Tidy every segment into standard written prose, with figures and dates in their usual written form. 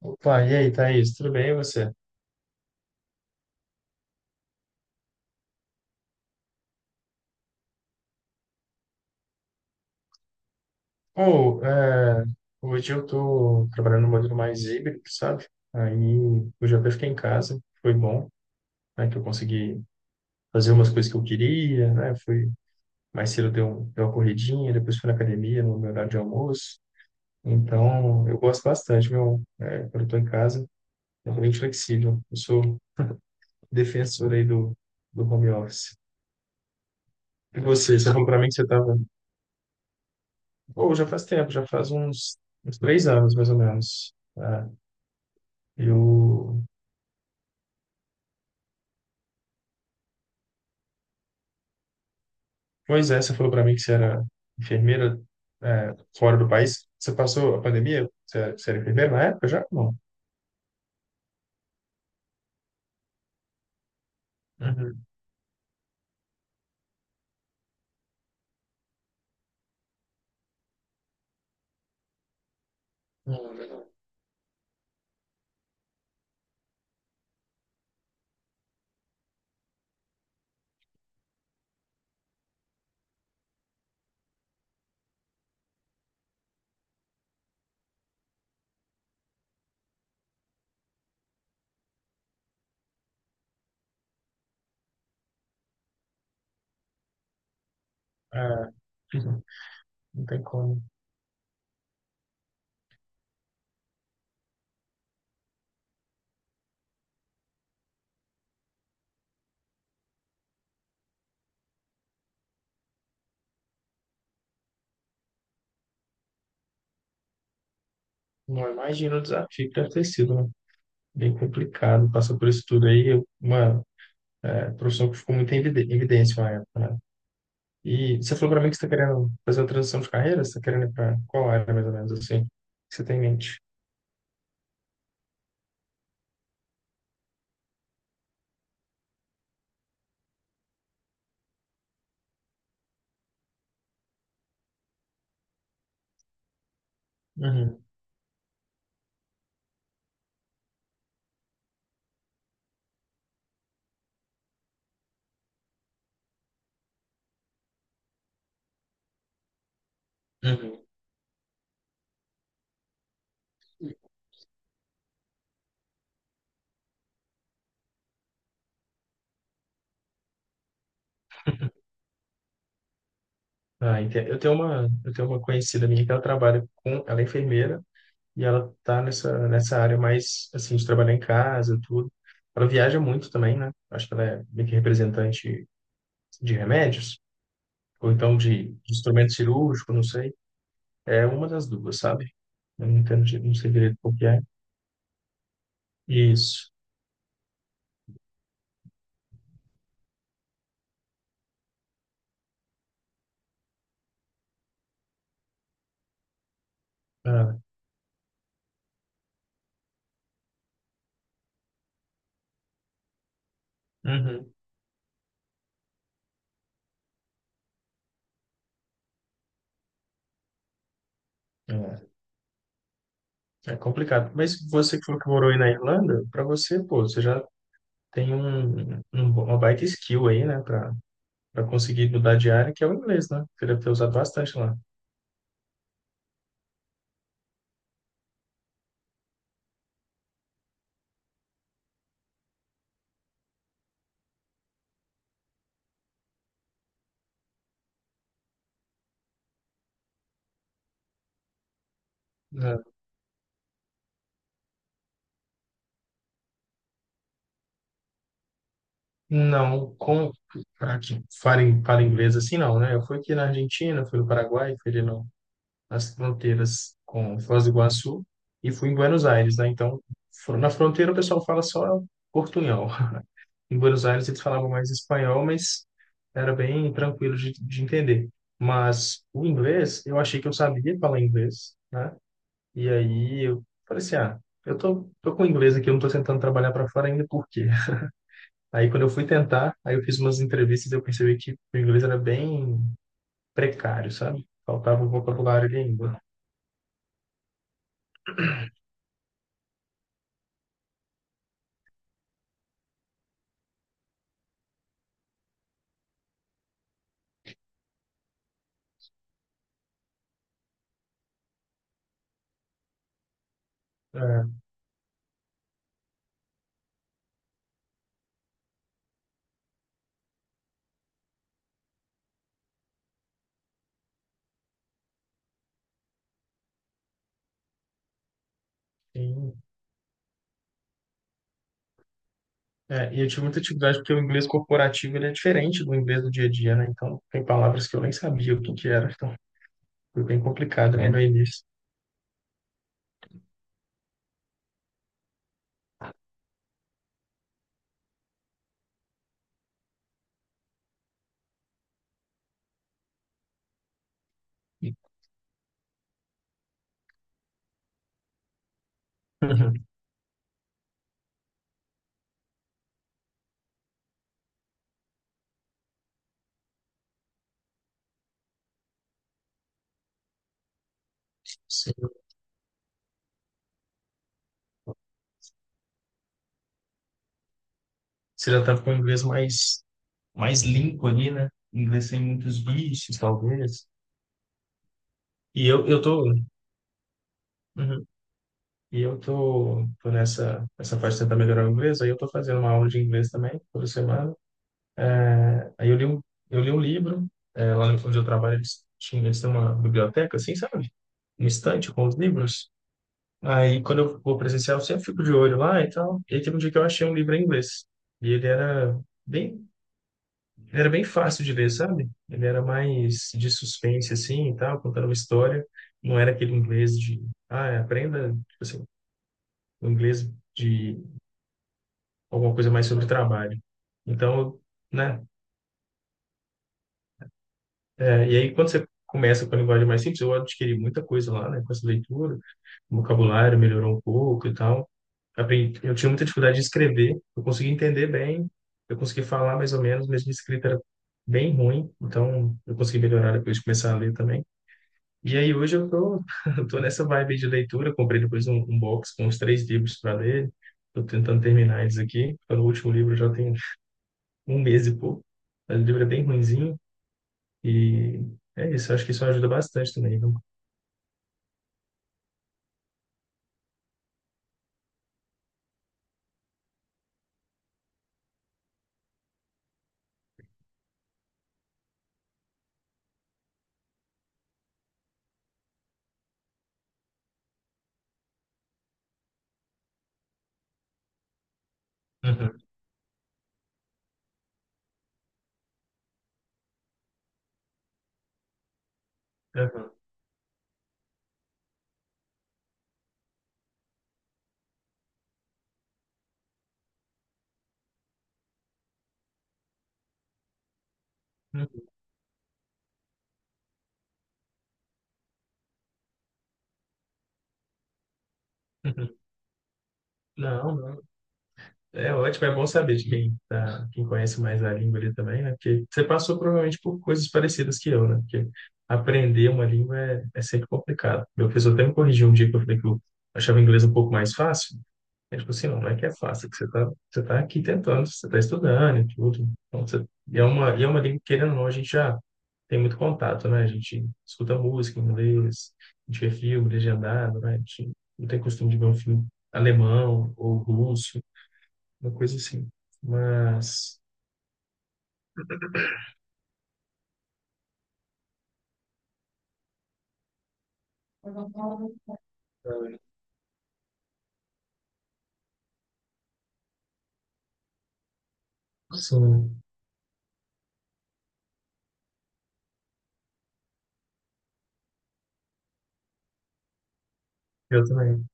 Opa, e aí, Thaís, tudo bem e você? Ou, é, Hoje eu tô trabalhando no modelo mais híbrido, sabe? Aí hoje eu até fiquei em casa, foi bom, né, que eu consegui fazer umas coisas que eu queria, né? Fui mais cedo deu, deu uma corridinha, depois fui na academia no meu horário de almoço. Então, eu gosto bastante, meu, quando eu tô em casa, eu tô bem flexível. Eu sou defensor aí do home office. E você, você falou pra mim que você estava. Pô, já faz tempo, já faz uns 3 anos, mais ou menos. É, eu... Pois é, você falou para mim que você era enfermeira, é, fora do país. Você passou a pandemia? Você era enfermeira na época já? Não. Uhum. Não, não. É, uhum, não tem como. Não, imagina o desafio que deve ter sido, né? Bem complicado passar por isso tudo aí. Uma é, profissão que ficou muito em evidência na época, né? E você falou para mim que você está querendo fazer a transição de carreira? Você está querendo ir para qual área, mais ou menos, assim, que você tem em mente? Uhum, uhum. Ah, entendo. Eu tenho uma conhecida minha que ela trabalha com, ela é enfermeira e ela tá nessa área mais, assim, de trabalhar em casa, e tudo. Ela viaja muito também, né? Acho que ela é meio que representante de remédios, ou então de instrumento cirúrgico, não sei. É uma das duas, sabe? Eu não entendo, não sei direito qual que é. Isso. Ah, uhum. É, é complicado. Mas você que falou que morou aí na Irlanda, para você, pô, você já tem uma baita skill aí, né, para para conseguir mudar de área, que é o inglês, né? Queria ter usado bastante lá. Né? Não, como para que falem fala inglês assim, não, né? Eu fui aqui na Argentina, fui no Paraguai, fui ali no, nas fronteiras com Foz do Iguaçu e fui em Buenos Aires, né? Então, na fronteira o pessoal fala só portunhol. Em Buenos Aires eles falavam mais espanhol, mas era bem tranquilo de entender. Mas o inglês, eu achei que eu sabia falar inglês, né? E aí eu falei assim, ah, tô com inglês aqui, eu não tô tentando trabalhar para fora ainda, por quê? Aí quando eu fui tentar, aí eu fiz umas entrevistas e eu percebi que o inglês era bem precário, sabe? Faltava um vocabulário ali ainda. É, tem- é, e eu tive muita dificuldade porque o inglês corporativo ele é diferente do inglês do dia a dia, né? Então tem palavras que eu nem sabia o que que era, então foi bem complicado, né, no início. Uhum. Você você já tá com o inglês mais, mais limpo ali, né? Inglês sem muitos bichos, talvez. E eu, eu tô, uhum. E eu tô, tô essa parte de tentar melhorar o inglês, aí eu tô fazendo uma aula de inglês também, toda semana. Aí eu li um livro, é, lá no- onde eu trabalho, eles têm uma biblioteca, assim, sabe? Um estante com os livros. Aí quando eu vou presencial, eu sempre fico de olho lá e tal. E aí teve um dia que eu achei um livro em inglês. E ele bem, era bem fácil de ler, sabe? Ele era mais de suspense, assim, e tal, contando uma história. Não era aquele inglês de, ah, aprenda, tipo assim, o inglês de alguma coisa mais sobre trabalho. Então, né? É, e aí, quando você começa com a linguagem mais simples, eu adquiri muita coisa lá, né? Com essa leitura, o vocabulário melhorou um pouco e tal. Aprendi, eu tinha muita dificuldade de escrever, eu consegui entender bem, eu consegui falar mais ou menos, mas minha escrita era bem ruim, então eu consegui melhorar depois de começar a ler também. E aí, hoje eu tô, eu tô nessa vibe de leitura, eu comprei depois um box com os 3 livros para ler, tô tentando terminar eles aqui, o último livro já tenho um mês e pouco. O livro é bem ruinzinho e é isso. Acho que isso ajuda bastante também, viu? Uhum, uhum, uhum, uhum. Não, não. É ótimo, é bom saber de quem, tá, quem conhece mais a língua ali também, né? Porque você passou provavelmente por coisas parecidas que eu, né? Porque aprender uma língua é sempre complicado. Meu professor até me corrigiu um dia que eu falei que eu achava o inglês um pouco mais fácil. É tipo assim, não é que é fácil, é que você tá aqui tentando, você tá estudando e tudo. Então, você, e é uma língua que, querendo ou não, a gente já tem muito contato, né? A gente escuta música em inglês, a gente vê filme legendado, né? A gente não tem costume de ver um filme alemão ou russo, uma coisa assim. Mas, sim, eu também.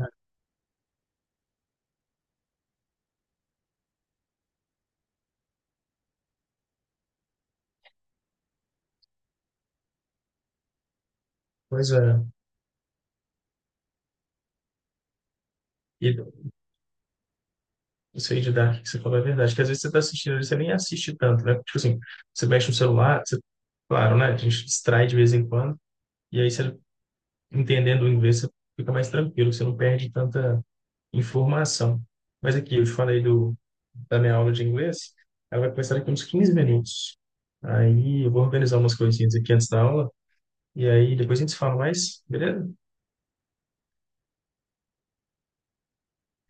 Ah, pois é. E isso aí de Dark que você falou é verdade, que às vezes você está assistindo, às vezes você nem assiste tanto, né? Tipo assim, você mexe no celular, você, claro, né? A gente distrai de vez em quando, e aí você, entendendo o inglês, você fica mais tranquilo, você não perde tanta informação. Mas aqui, eu te falei do, da minha aula de inglês, ela vai começar daqui uns 15 minutos. Aí eu vou organizar umas coisinhas aqui antes da aula, e aí depois a gente se fala mais, beleza?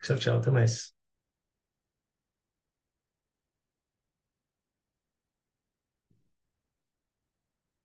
Tchau, tchau, até mais.